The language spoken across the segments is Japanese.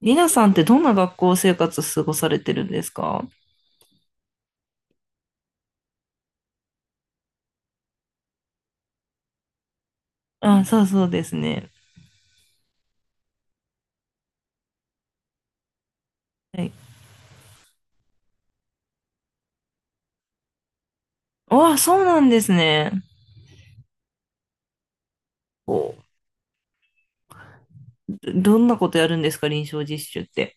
りなさんってどんな学校生活過ごされてるんですか？あ、そうそうですね。はい。あ、そうなんですね。こう、どんなことやるんですか、臨床実習って。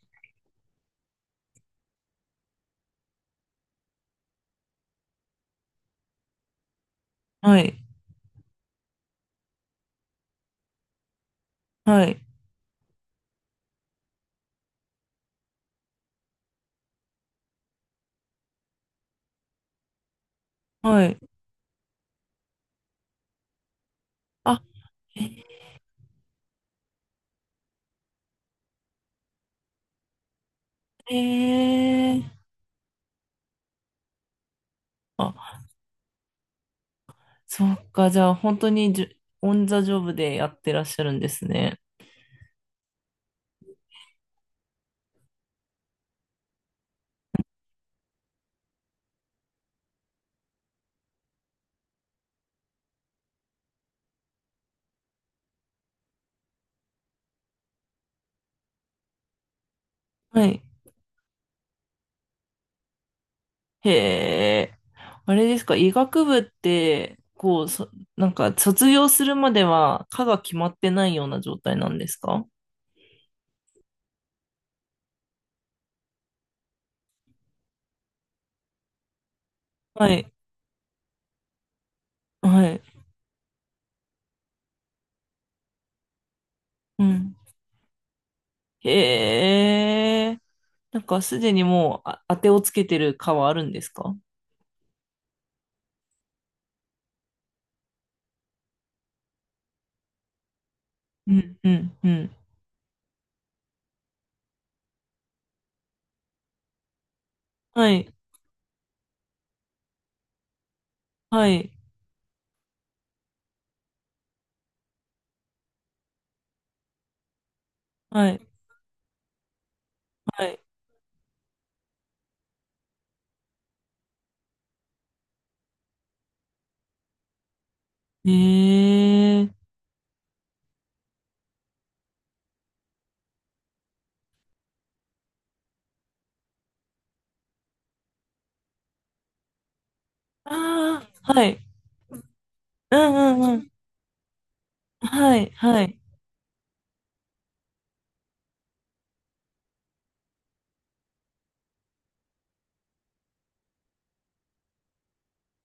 はい、はい、はい。あ、へえ。あ、そっか、じゃあ本当にオンザジョブでやってらっしゃるんですね。はい。へえ。あれですか、医学部って、こう、なんか卒業するまでは科が決まってないような状態なんですか？はい。はい。うん。へえ。なんかすでにもう、あ、当てをつけてる科はあるんですか？うん、うん、うん。はい、はい、はい、はい。へえ。ああ、はい。うん、うん、うん。はい、はい。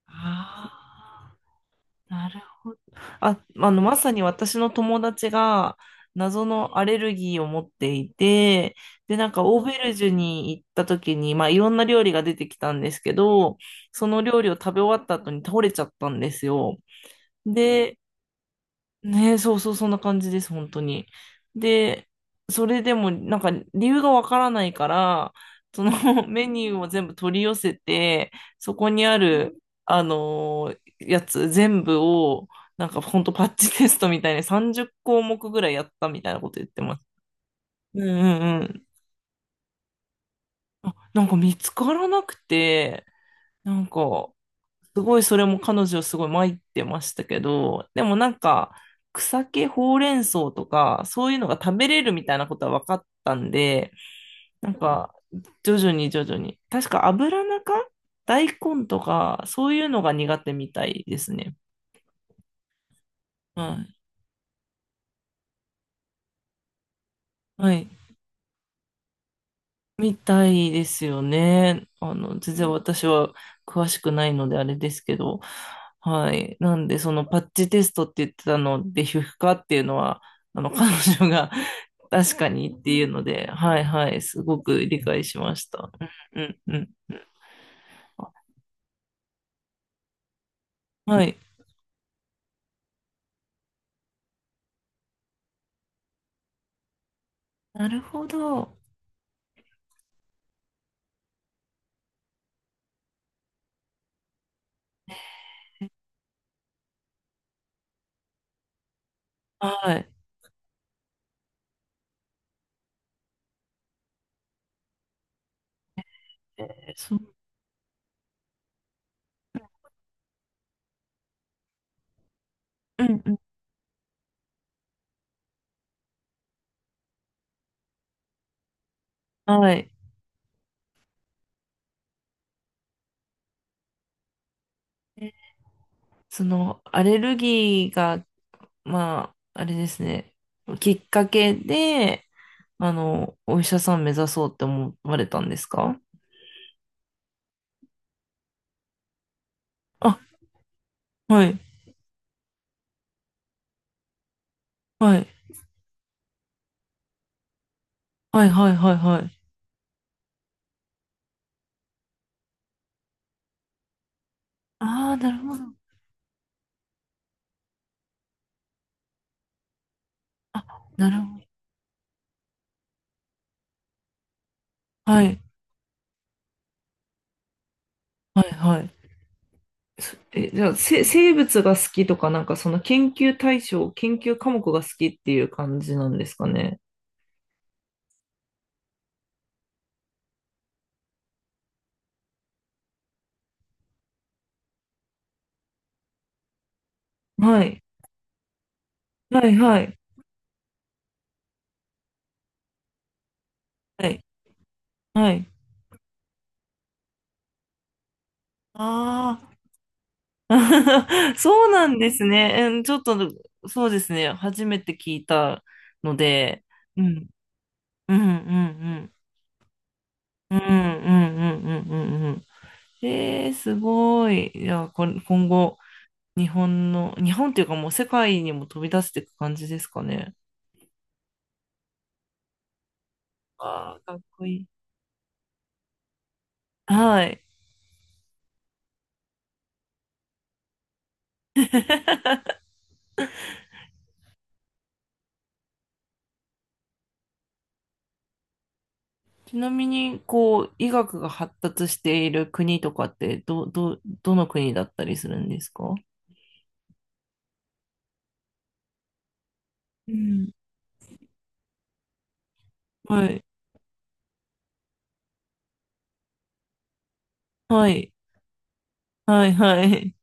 ああ。なるほど。あ、あの、まさに私の友達が謎のアレルギーを持っていて、で、なんかオーベルジュに行った時に、まあいろんな料理が出てきたんですけど、その料理を食べ終わった後に倒れちゃったんですよ。で、ねえ、そうそう、そんな感じです、本当に。で、それでも、なんか、理由がわからないから、その メニューを全部取り寄せて、そこにある、あのーやつ全部を、なんか、本当パッチテストみたいに30項目ぐらいやったみたいなこと言ってます。うんうんうん。あ、なんか見つからなくて、なんか、すごいそれも彼女すごい参ってましたけど、でもなんか草木ほうれん草とかそういうのが食べれるみたいなことは分かったんで、なんか徐々に、確か油中大根とかそういうのが苦手みたいですね。はい。はい。みたいですよね。あの、全然私は詳しくないのであれですけど、はい。なんで、そのパッチテストって言ってたので、皮膚科っていうのは、あの、彼女が 確かにっていうので、はいはい、すごく理解しました。うんうんうん。はい。なるほど。はい。えーそう、うんうん。はい。そのアレルギーが、まあ、あれですね、きっかけで、あの、お医者さん目指そうって思われたんですか？あ、はい、はい、はい、はい、はい、はい。ああ、なるほど、なるほど。はい、はい、はい。じゃあ、生物が好きとか、なんかその研究対象、研究科目が好きっていう感じなんですかね。はい、はい、はい、はい、はい。ああ、そうなんですね。うんちょっと、そうですね。初めて聞いたので、うん、うん、うん、うん。うんうんうんうんうんうん。えー、すごい。いや、これ、今後、日本の、日本っていうかもう世界にも飛び出していく感じですかね。ああ、かっこいい。はい。ちなみに、こう、医学が発達している国とかって、どの国だったりするんですか？うん。はい。はい。はい、はい。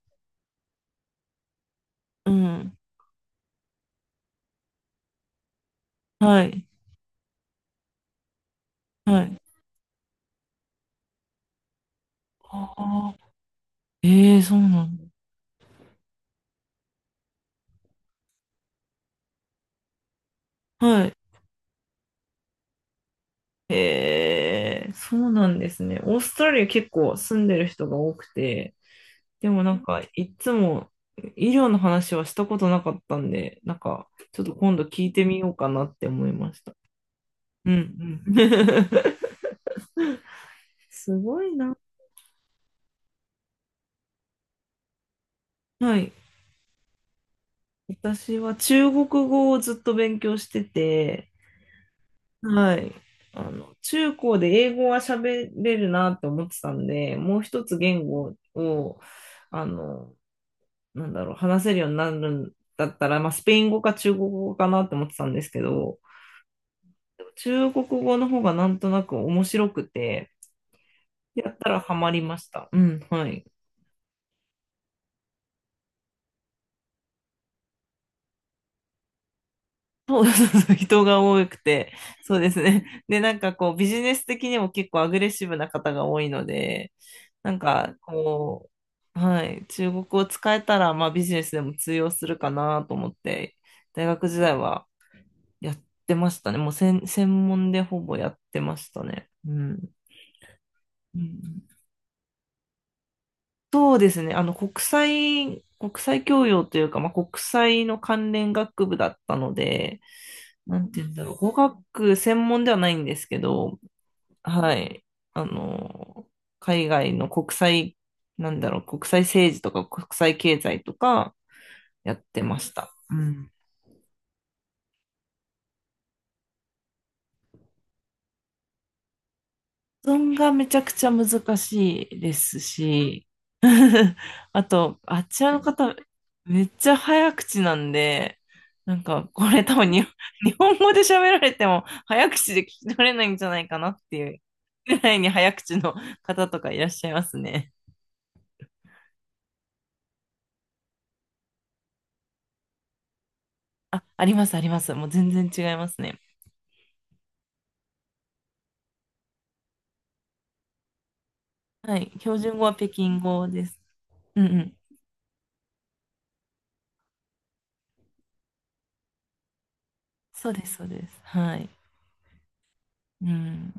うん。はい。はい。ああ、ええー、そうなんだ。はい。へえ、そうなんですね。オーストラリア結構住んでる人が多くて、でもなんかいつも医療の話はしたことなかったんで、なんかちょっと今度聞いてみようかなって思いました。うんうん。すごいな。はい。私は中国語をずっと勉強してて、はい。あの、中高で英語は喋れるなって思ってたんで、もう一つ言語を、あの、なんだろう、話せるようになるんだったら、まあ、スペイン語か中国語かなって思ってたんですけど、中国語の方がなんとなく面白くて、やったらハマりました。うん、はい。そうそうそう、人が多くて、そうですね。で、なんかこう、ビジネス的にも結構アグレッシブな方が多いので、なんかこう、はい、中国を使えたら、まあビジネスでも通用するかなと思って、大学時代はやってましたね。もう専門でほぼやってましたね。うん。うんそうですね。あの、国際教養というか、まあ、国際の関連学部だったので、なんて言うんだろう。語学専門ではないんですけど、はい。あの、海外の国際、なんだろう、国際政治とか国際経済とかやってました。うん発音がめちゃくちゃ難しいですし、あと、あっちらの方、めっちゃ早口なんで、なんか、これ多分に、日本語で喋られても早口で聞き取れないんじゃないかなっていうぐらいに早口の方とかいらっしゃいますね。あ、あります。もう全然違いますね。はい。標準語は北京語です。うんうん。そうです、そうです。はい。うん。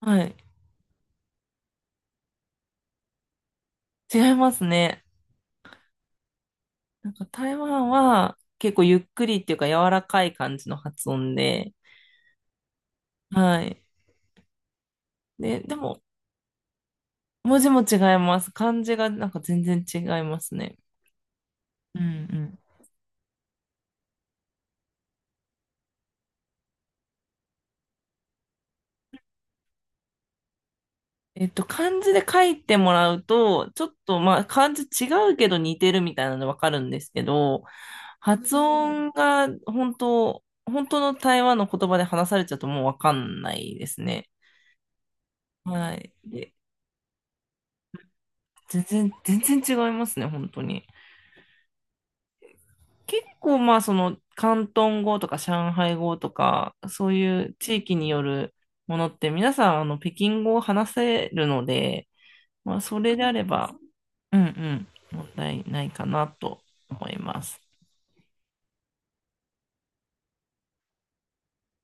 はい。違いますね。なんか台湾は結構ゆっくりっていうか柔らかい感じの発音で、はい。で、でも文字も違います。漢字がなんか全然違いますね。うんうん。えっと、漢字で書いてもらうと、ちょっとまあ漢字違うけど似てるみたいなのでわかるんですけど、発音が本当の台湾の言葉で話されちゃうともうわかんないですね。はい。で、全然、全然違いますね、本当に。結構まあその広東語とか上海語とかそういう地域によるものって皆さんあの北京語を話せるので、まあそれであれば、うんうん、問題ないかなと思います。